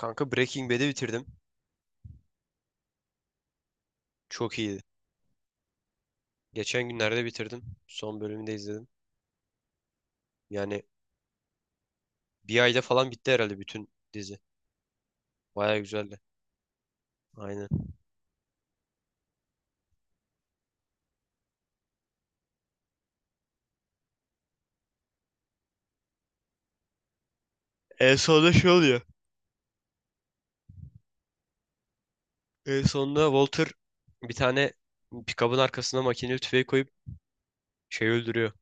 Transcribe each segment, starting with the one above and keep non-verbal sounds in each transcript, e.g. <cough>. Kanka Breaking Bad'i bitirdim. Çok iyiydi. Geçen günlerde bitirdim. Son bölümünü de izledim. Yani bir ayda falan bitti herhalde bütün dizi. Baya güzeldi. Aynen. En sonunda şey oluyor. En sonunda Walter bir tane pikabın arkasına makineli tüfeği koyup şey öldürüyor.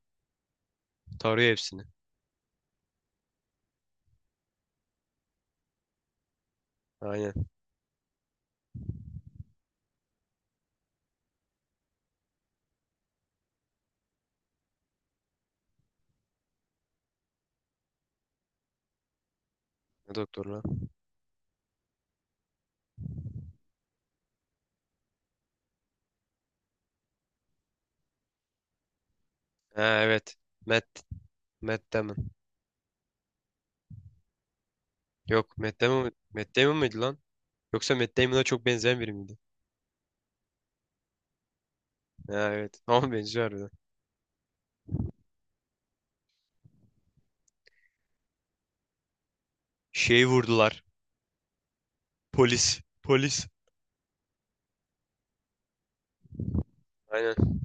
Tarıyor hepsini. Aynen. Ne doktor lan? Ha, evet. Matt. Matt Damon. Yok Matt Damon, Matt Damon mıydı lan? Yoksa Matt Damon'a çok benzeyen biri miydi? Ha, evet. Ama benziyor harbiden. Şeyi vurdular. Polis. Polis. Aynen.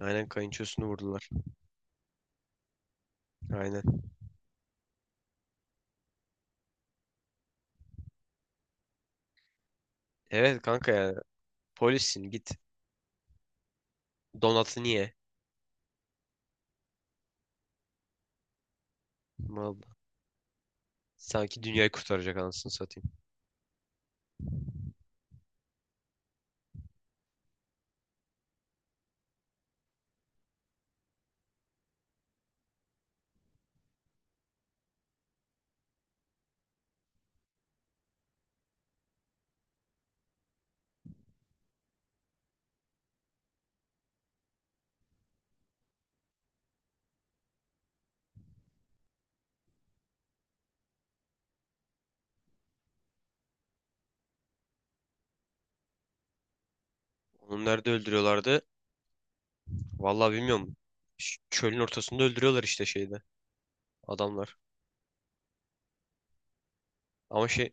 Aynen kayınçosunu vurdular. Aynen. Evet kanka ya. Polissin git. Donatı niye? Vallahi. Sanki dünyayı kurtaracak anasını satayım. Onu nerede öldürüyorlardı? Vallahi bilmiyorum. Çölün ortasında öldürüyorlar işte şeyde adamlar. Ama şey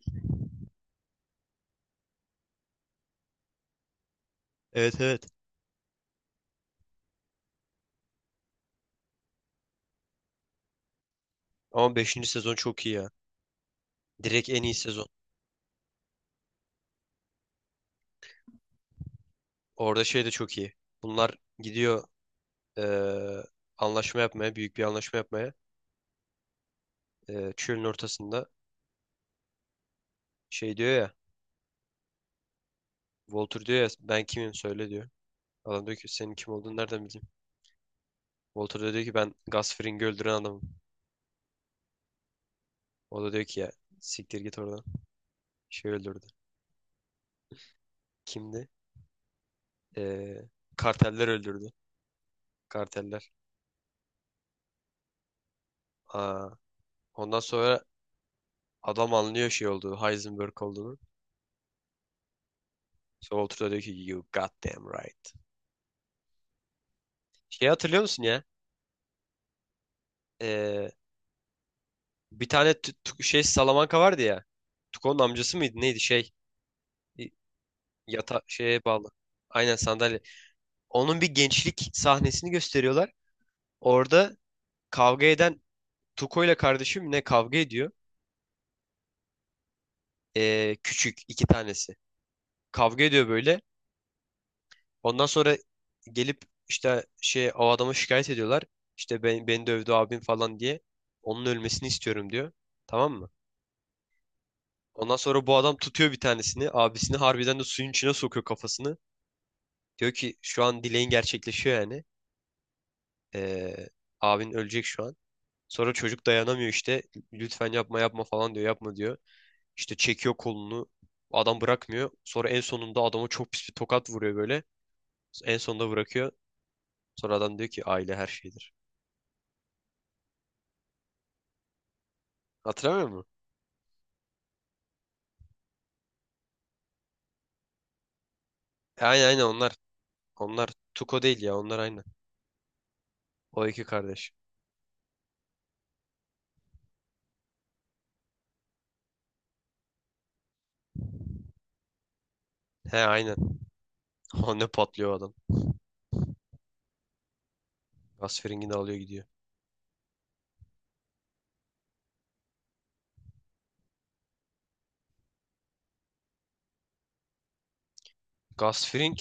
evet, evet. Ama beşinci sezon çok iyi ya. Direkt en iyi sezon. Orada şey de çok iyi. Bunlar gidiyor eee, anlaşma yapmaya, büyük bir anlaşma yapmaya. Çölün ortasında şey diyor ya. Walter diyor ya ben kimim söyle diyor. Adam diyor ki senin kim olduğunu nereden bileyim? Walter da diyor ki ben Gus Fring'i öldüren adamım. O da diyor ki ya siktir git oradan. Şey öldürdü. Kimdi? Ee, Karteller öldürdü. Karteller. Aa, ondan sonra adam anlıyor şey olduğu Heisenberg olduğunu. Sonra Walter da diyor ki you goddamn right. Şey hatırlıyor musun ya? Ee, bir tane şey Salamanca vardı ya. Tuko'nun amcası mıydı neydi şey? Yata şeye bağlı. Aynen sandalye. Onun bir gençlik sahnesini gösteriyorlar. Orada kavga eden Tuko ile kardeşim ne kavga ediyor? Küçük iki tanesi. Kavga ediyor böyle. Ondan sonra gelip işte şey o adama şikayet ediyorlar. İşte ben, beni dövdü abim falan diye. Onun ölmesini istiyorum diyor. Tamam mı? Ondan sonra bu adam tutuyor bir tanesini. Abisini harbiden de suyun içine sokuyor kafasını. Diyor ki şu an dileğin gerçekleşiyor yani. Ee, abin ölecek şu an. Sonra çocuk dayanamıyor işte. Lütfen yapma yapma falan diyor. Yapma diyor. İşte çekiyor kolunu. Adam bırakmıyor. Sonra en sonunda adama çok pis bir tokat vuruyor böyle. En sonunda bırakıyor. Sonra adam diyor ki aile her şeydir. Hatırlamıyor musun? Aynen, aynen onlar. Onlar Tuko değil ya onlar aynen. O iki kardeş. He, aynen. <laughs> O ne patlıyor adam. Gasfring'i de alıyor gidiyor. Gasfring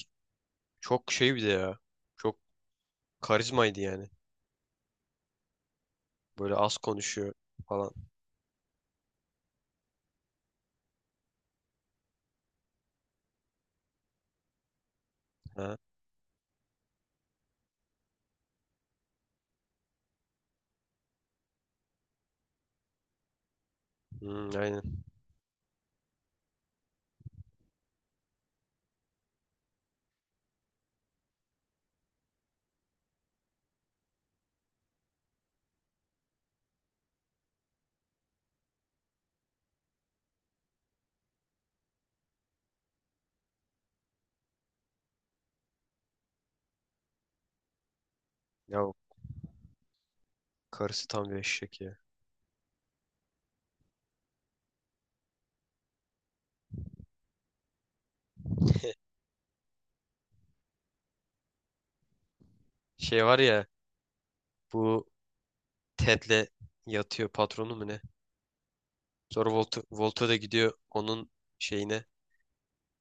çok şey bir de ya. Çok karizmaydı yani. Böyle az konuşuyor falan. Ha? Hmm, aynen. Ya o karısı tam bir eşek ya. Şey var ya bu Ted'le yatıyor patronu mu ne? Sonra Volto, da gidiyor onun şeyine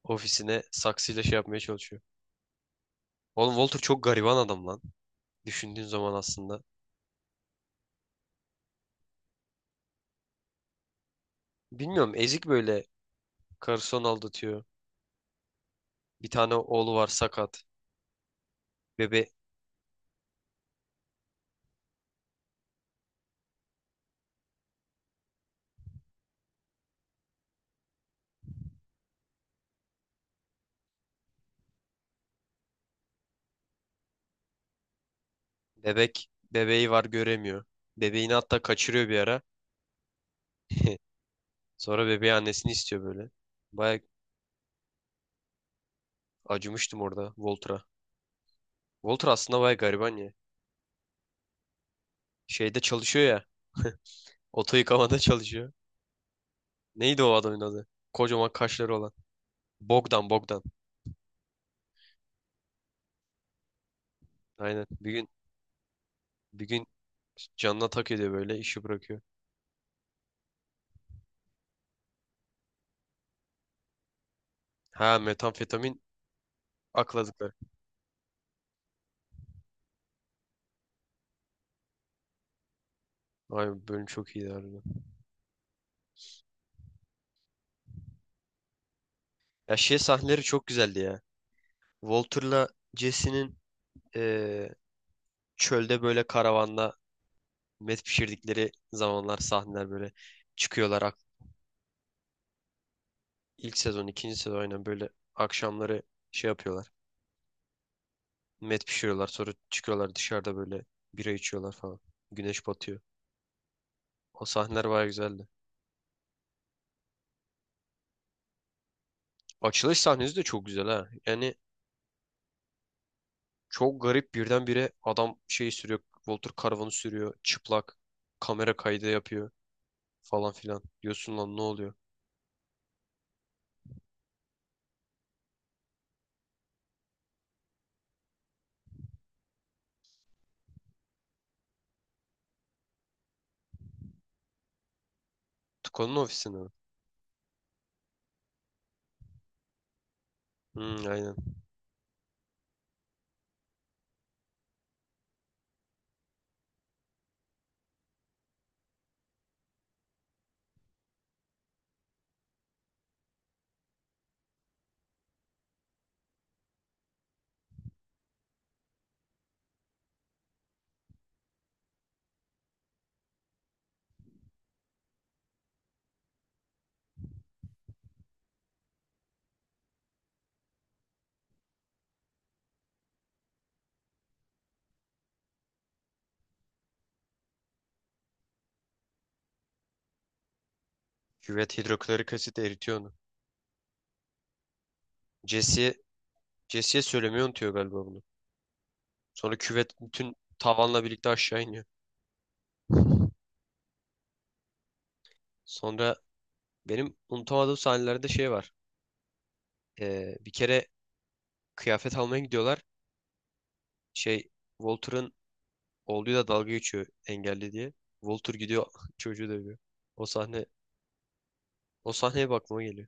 ofisine saksıyla şey yapmaya çalışıyor. Oğlum Walter çok gariban adam lan. Düşündüğün zaman aslında. Bilmiyorum ezik böyle. Karısı onu aldatıyor. Bir tane oğlu var sakat. Bebe, bebeği var göremiyor. Bebeğini hatta kaçırıyor bir ara. <laughs> Sonra bebeği annesini istiyor böyle. Baya acımıştım orada Walter'a. Walter aslında baya gariban ya. Şeyde çalışıyor ya. Oto yıkamada çalışıyor. Neydi o adamın adı? Kocaman kaşları olan. Bogdan. Aynen. Bir gün canına tak ediyor böyle işi bırakıyor. Ha, metamfetamin akladıkları. Ay bölüm çok iyiydi harbiden. Ya şey sahneleri çok güzeldi ya. Walter'la Jesse'nin eee, çölde böyle karavanda met pişirdikleri zamanlar sahneler böyle çıkıyorlar. İlk sezon, ikinci sezon aynen böyle akşamları şey yapıyorlar. Met pişiriyorlar sonra çıkıyorlar dışarıda böyle bira içiyorlar falan. Güneş batıyor. O sahneler bayağı güzeldi. Açılış sahnesi de çok güzel ha. Yani çok garip birdenbire adam şey sürüyor. Walter Karavan'ı sürüyor. Çıplak. Kamera kaydı yapıyor falan filan. Diyorsun lan ne oluyor? Tuko'nun ofisinde mi? Hmm, aynen. Küvet hidroklorik asit eritiyor onu. Jesse'ye Jesse'ye söylemeyi unutuyor galiba bunu. Sonra küvet bütün tavanla birlikte aşağı iniyor. <laughs> Sonra benim unutamadığım sahnelerde şey var. Bir kere kıyafet almaya gidiyorlar. Şey Walter'ın olduğu da dalga geçiyor engelli diye. Walter gidiyor <laughs> çocuğu dövüyor. O sahne o sahneye bakmama geliyor.